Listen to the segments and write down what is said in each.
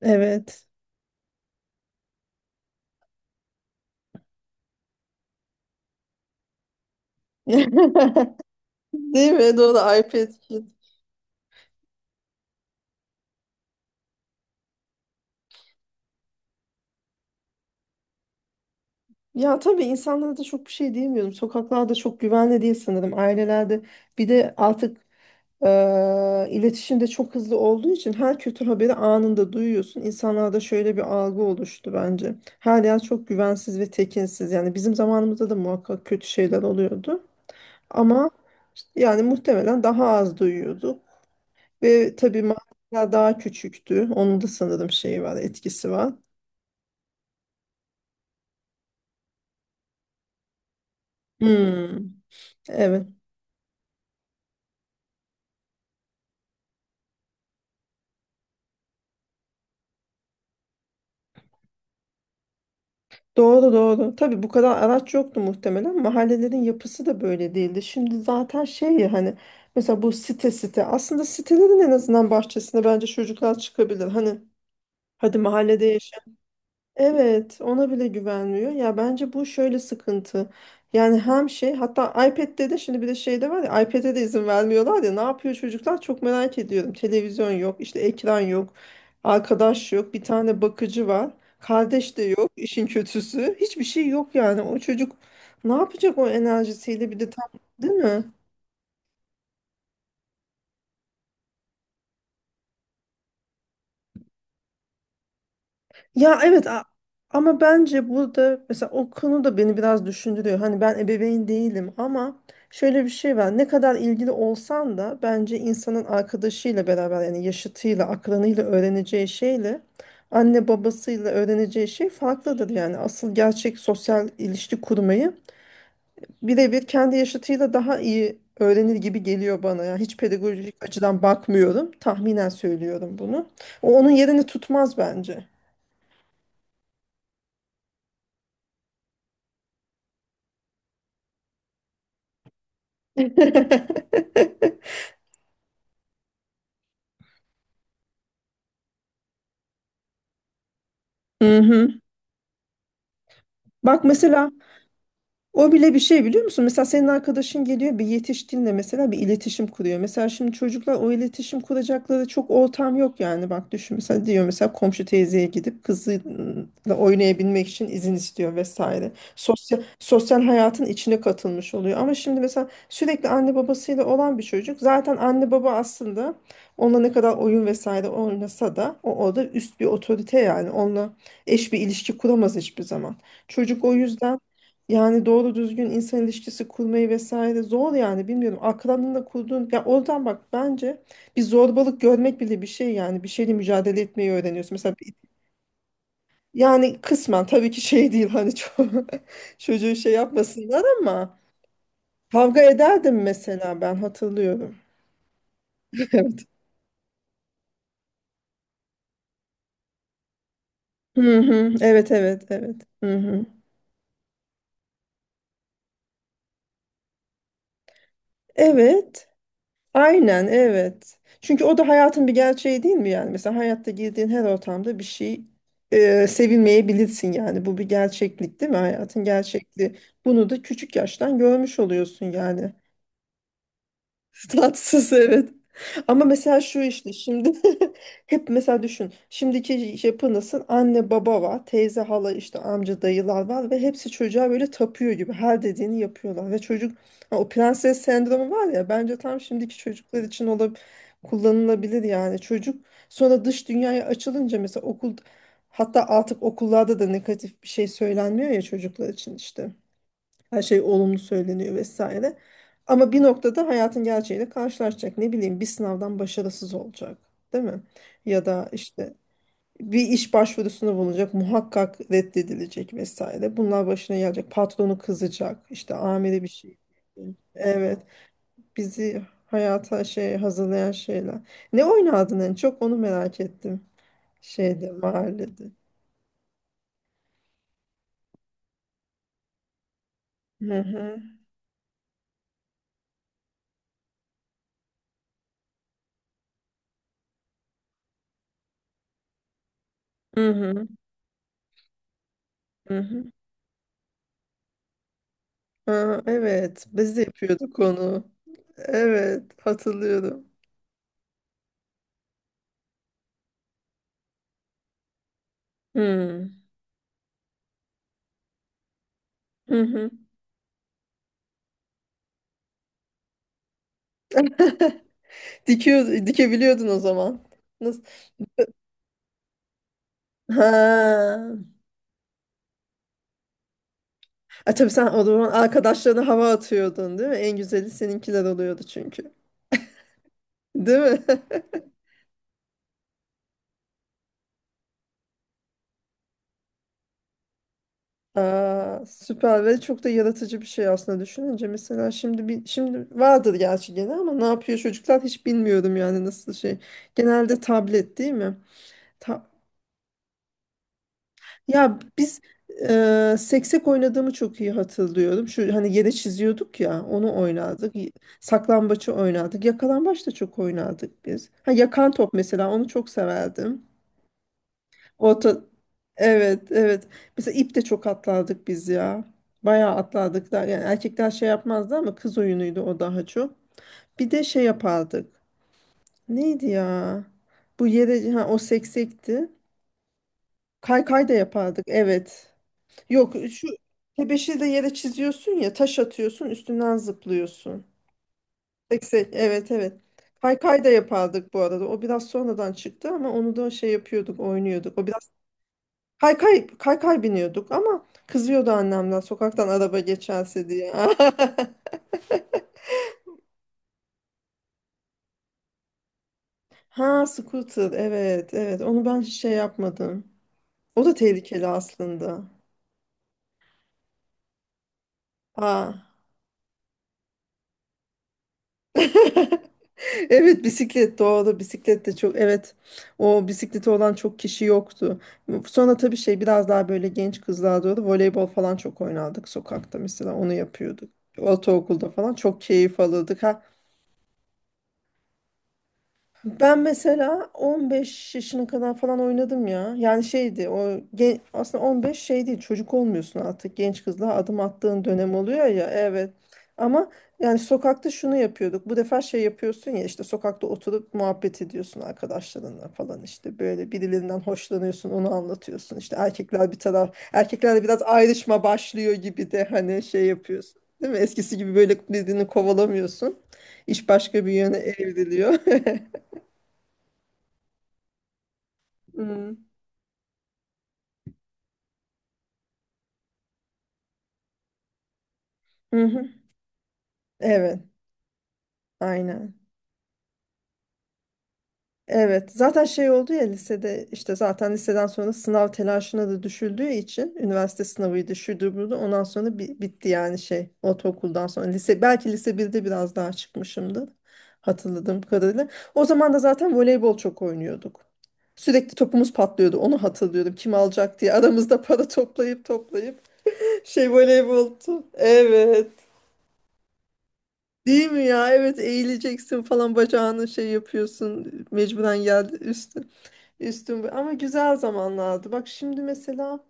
Evet. Değil mi? Doğru iPad Kid. Ya tabii insanlara da çok bir şey diyemiyorum. Sokaklarda çok güvenli değil sanırım. Ailelerde bir de artık iletişimde çok hızlı olduğu için her kötü haberi anında duyuyorsun. İnsanlarda şöyle bir algı oluştu bence. Her yer çok güvensiz ve tekinsiz. Yani bizim zamanımızda da muhakkak kötü şeyler oluyordu. Ama işte yani muhtemelen daha az duyuyorduk. Ve tabii mahalleler daha küçüktü. Onun da sanırım şeyi var, etkisi var. Hmm, evet. Doğru doğru. Tabii bu kadar araç yoktu muhtemelen. Mahallelerin yapısı da böyle değildi. Şimdi zaten şey ya hani mesela bu site site aslında sitelerin en azından bahçesine bence çocuklar çıkabilir. Hani hadi mahallede. Evet, ona bile güvenmiyor. Ya bence bu şöyle sıkıntı. Yani hem şey hatta iPad'de de şimdi bir de şey de var ya iPad'e de izin vermiyorlar ya ne yapıyor çocuklar çok merak ediyorum. Televizyon yok, işte ekran yok, arkadaş yok, bir tane bakıcı var. Kardeş de yok, işin kötüsü. Hiçbir şey yok yani. O çocuk ne yapacak o enerjisiyle bir de tam, değil mi? Ya evet, ama bence burada mesela o konu da beni biraz düşündürüyor. Hani ben ebeveyn değilim ama şöyle bir şey var. Ne kadar ilgili olsan da bence insanın arkadaşıyla beraber yani yaşıtıyla, akranıyla öğreneceği şeyle anne babasıyla öğreneceği şey farklıdır. Yani asıl gerçek sosyal ilişki kurmayı birebir kendi yaşıtıyla daha iyi öğrenir gibi geliyor bana. Yani hiç pedagojik açıdan bakmıyorum. Tahminen söylüyorum bunu. O onun yerini tutmaz bence. Hı hı. Bak mesela, o bile bir şey biliyor musun? Mesela senin arkadaşın geliyor, bir yetişkinle mesela bir iletişim kuruyor. Mesela şimdi çocuklar, o iletişim kuracakları çok ortam yok yani. Bak düşün, mesela diyor mesela komşu teyzeye gidip kızıyla oynayabilmek için izin istiyor vesaire. Sosyal, sosyal hayatın içine katılmış oluyor. Ama şimdi mesela sürekli anne babasıyla olan bir çocuk, zaten anne baba aslında onunla ne kadar oyun vesaire oynasa da o orada üst bir otorite, yani onunla eş bir ilişki kuramaz hiçbir zaman. Çocuk o yüzden yani doğru düzgün insan ilişkisi kurmayı vesaire zor, yani bilmiyorum. Akranınla kurduğun, ya oradan bak, bence bir zorbalık görmek bile bir şey, yani bir şeyle mücadele etmeyi öğreniyorsun. Yani kısmen tabii ki şey değil, hani çok çocuğu şey yapmasınlar ama kavga ederdim mesela, ben hatırlıyorum. Evet. Hı hı. Evet, evet, evet. Hı hı. Evet. Aynen, evet. Çünkü o da hayatın bir gerçeği değil mi yani? Mesela hayatta girdiğin her ortamda bir şey, sevilmeyebilirsin yani. Bu bir gerçeklik değil mi? Hayatın gerçekliği. Bunu da küçük yaştan görmüş oluyorsun yani. Tatsız, evet. Ama mesela şu işte şimdi hep mesela düşün. Şimdiki yapı nasıl? Anne baba var, teyze hala işte amca dayılar var ve hepsi çocuğa böyle tapıyor gibi her dediğini yapıyorlar. Ve çocuk, ha, o prenses sendromu var ya, bence tam şimdiki çocuklar için kullanılabilir yani. Çocuk sonra dış dünyaya açılınca mesela okul, hatta artık okullarda da negatif bir şey söylenmiyor ya çocuklar için işte. Her şey olumlu söyleniyor vesaire. Ama bir noktada hayatın gerçeğiyle karşılaşacak. Ne bileyim, bir sınavdan başarısız olacak, değil mi? Ya da işte bir iş başvurusunda bulunacak, muhakkak reddedilecek vesaire. Bunlar başına gelecek. Patronu kızacak. İşte amiri bir şey. Evet, bizi hayata şey hazırlayan şeyler. Ne oynardın en çok, onu merak ettim. Şeyde, mahallede. Hı hı. Hı hı. Hı hı. Aa, evet, biz de yapıyorduk onu. Evet, hatırlıyorum. Hmm. Hı hı. Dikebiliyordun o zaman. Nasıl? Ha. A, tabii sen o zaman arkadaşlarına hava atıyordun değil mi? En güzeli seninkiler oluyordu çünkü. Değil mi? Aa, süper ve çok da yaratıcı bir şey aslında düşününce. Mesela şimdi bir, şimdi vardır gerçi gene ama ne yapıyor çocuklar hiç bilmiyorum yani nasıl şey. Genelde tablet değil mi? Ta- Ya biz, seksek oynadığımı çok iyi hatırlıyorum. Şu hani yere çiziyorduk ya, onu oynardık. Saklambaçı oynardık. Yakalambaç da çok oynardık biz. Ha, yakan top, mesela onu çok severdim. Orta Evet, evet. Mesela ip de çok atlardık biz ya. Bayağı atlardık da, yani erkekler şey yapmazdı ama kız oyunuydu o daha çok. Bir de şey yapardık. Neydi ya? Bu yere, ha, o seksekti. Kaykay da yapardık. Evet. Yok, şu tebeşiri de yere çiziyorsun ya, taş atıyorsun, üstünden zıplıyorsun. Seksek, evet, evet. Kaykay da yapardık bu arada. O biraz sonradan çıktı ama onu da şey yapıyorduk, oynuyorduk. O biraz kaykay kaykay biniyorduk ama kızıyordu annemden sokaktan araba geçerse diye. Ha, scooter. Evet, evet. Onu ben hiç şey yapmadım. O da tehlikeli aslında. Ha. Evet, bisiklet, doğru, bisiklet de çok, evet, o bisikleti olan çok kişi yoktu. Sonra tabii şey, biraz daha böyle genç kızlar, doğru, voleybol falan çok oynardık sokakta, mesela onu yapıyorduk. Ortaokulda falan çok keyif alırdık. Ben mesela 15 yaşına kadar falan oynadım ya. Yani şeydi o aslında 15 şey değil, çocuk olmuyorsun artık, genç kızla adım attığın dönem oluyor ya, evet. Ama yani sokakta şunu yapıyorduk. Bu defa şey yapıyorsun ya, işte sokakta oturup muhabbet ediyorsun arkadaşlarınla falan, işte böyle birilerinden hoşlanıyorsun, onu anlatıyorsun. İşte erkekler bir taraf, erkeklerle biraz ayrışma başlıyor gibi de, hani şey yapıyorsun. Değil mi? Eskisi gibi böyle birbirini kovalamıyorsun. İş başka bir yöne evriliyor. Hı hı. Hı. Evet, aynen. Evet, zaten şey oldu ya lisede, işte zaten liseden sonra sınav telaşına da düşüldüğü için üniversite sınavıydı, şuydu buydu. Ondan sonra bitti yani şey, ortaokuldan sonra lise, belki lise birde biraz daha çıkmışımdır hatırladığım kadarıyla. O zaman da zaten voleybol çok oynuyorduk. Sürekli topumuz patlıyordu. Onu hatırlıyorum. Kim alacak diye aramızda para toplayıp toplayıp şey voleyboltu. Evet. Değil mi ya? Evet, eğileceksin falan, bacağını şey yapıyorsun, mecburen geldi üstün üstün ama güzel zamanlardı. Bak şimdi mesela,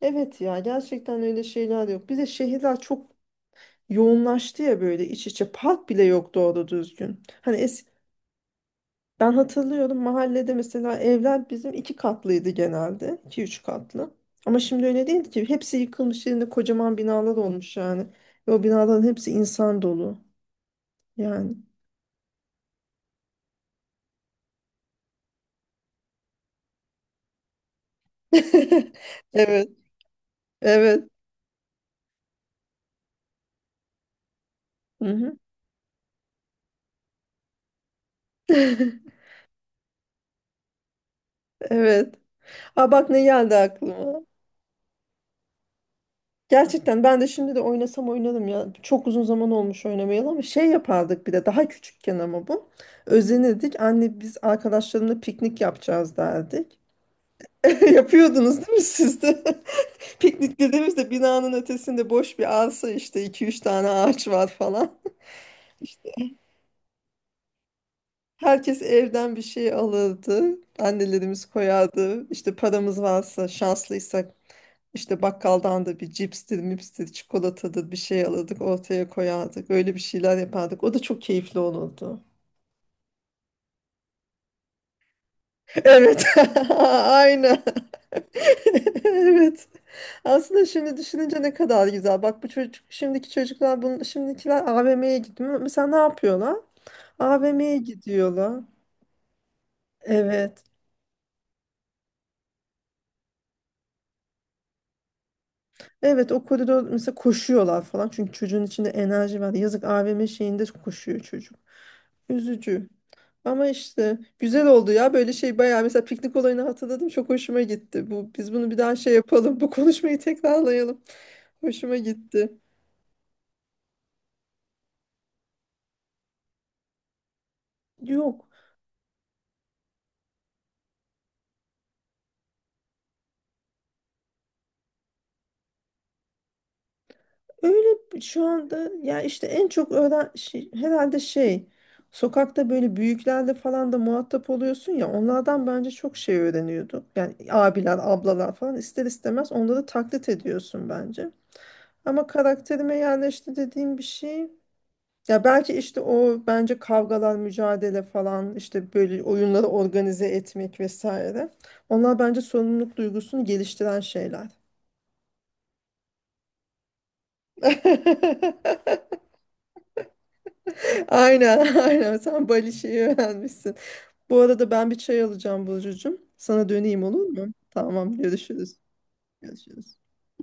evet ya, gerçekten öyle şeyler yok. Bir de şehirler çok yoğunlaştı ya, böyle iç içe, park bile yok doğru düzgün. Hani ben hatırlıyorum mahallede mesela evler bizim iki katlıydı genelde, iki üç katlı. Ama şimdi öyle değil ki, hepsi yıkılmış, yerinde kocaman binalar olmuş yani. Ve o binaların hepsi insan dolu yani. Evet, evet. Mhm. Evet. Aa, bak ne geldi aklıma. Gerçekten ben de şimdi de oynasam oynarım ya. Çok uzun zaman olmuş oynamayalı ama şey yapardık bir de daha küçükken, ama bu. Özenirdik. Anne, biz arkadaşlarımla piknik yapacağız, derdik. Yapıyordunuz değil mi siz de? Piknik dediğimizde binanın ötesinde boş bir arsa, işte iki üç tane ağaç var falan. Herkes evden bir şey alırdı. Annelerimiz koyardı. İşte paramız varsa, şanslıysak, işte bakkaldan da bir cipstir, mipstir, çikolatadır, bir şey alırdık, ortaya koyardık. Öyle bir şeyler yapardık. O da çok keyifli olurdu. Evet. Aynen. Evet. Aslında şimdi düşününce ne kadar güzel. Bak bu çocuk, şimdiki çocuklar bunu, şimdikiler AVM'ye gidiyor. Mesela ne yapıyorlar? AVM'ye gidiyorlar. Evet. Evet, o koridor mesela, koşuyorlar falan. Çünkü çocuğun içinde enerji var. Yazık, AVM şeyinde koşuyor çocuk. Üzücü. Ama işte güzel oldu ya, böyle şey bayağı mesela piknik olayını hatırladım, çok hoşuma gitti. Bu, biz bunu bir daha şey yapalım. Bu konuşmayı tekrarlayalım. Hoşuma gitti. Yok. Öyle şu anda ya, işte en çok şey, herhalde şey, sokakta böyle büyüklerle falan da muhatap oluyorsun ya, onlardan bence çok şey öğreniyorduk. Yani abiler, ablalar falan, ister istemez onları taklit ediyorsun bence. Ama karakterime yerleşti dediğim bir şey. Ya belki işte o, bence kavgalar, mücadele falan, işte böyle oyunları organize etmek vesaire. Onlar bence sorumluluk duygusunu geliştiren şeyler. Aynen aynen sen Bali şeyi öğrenmişsin. Bu arada ben bir çay alacağım Burcucuğum. Sana döneyim, olur mu? Tamam, görüşürüz. Görüşürüz.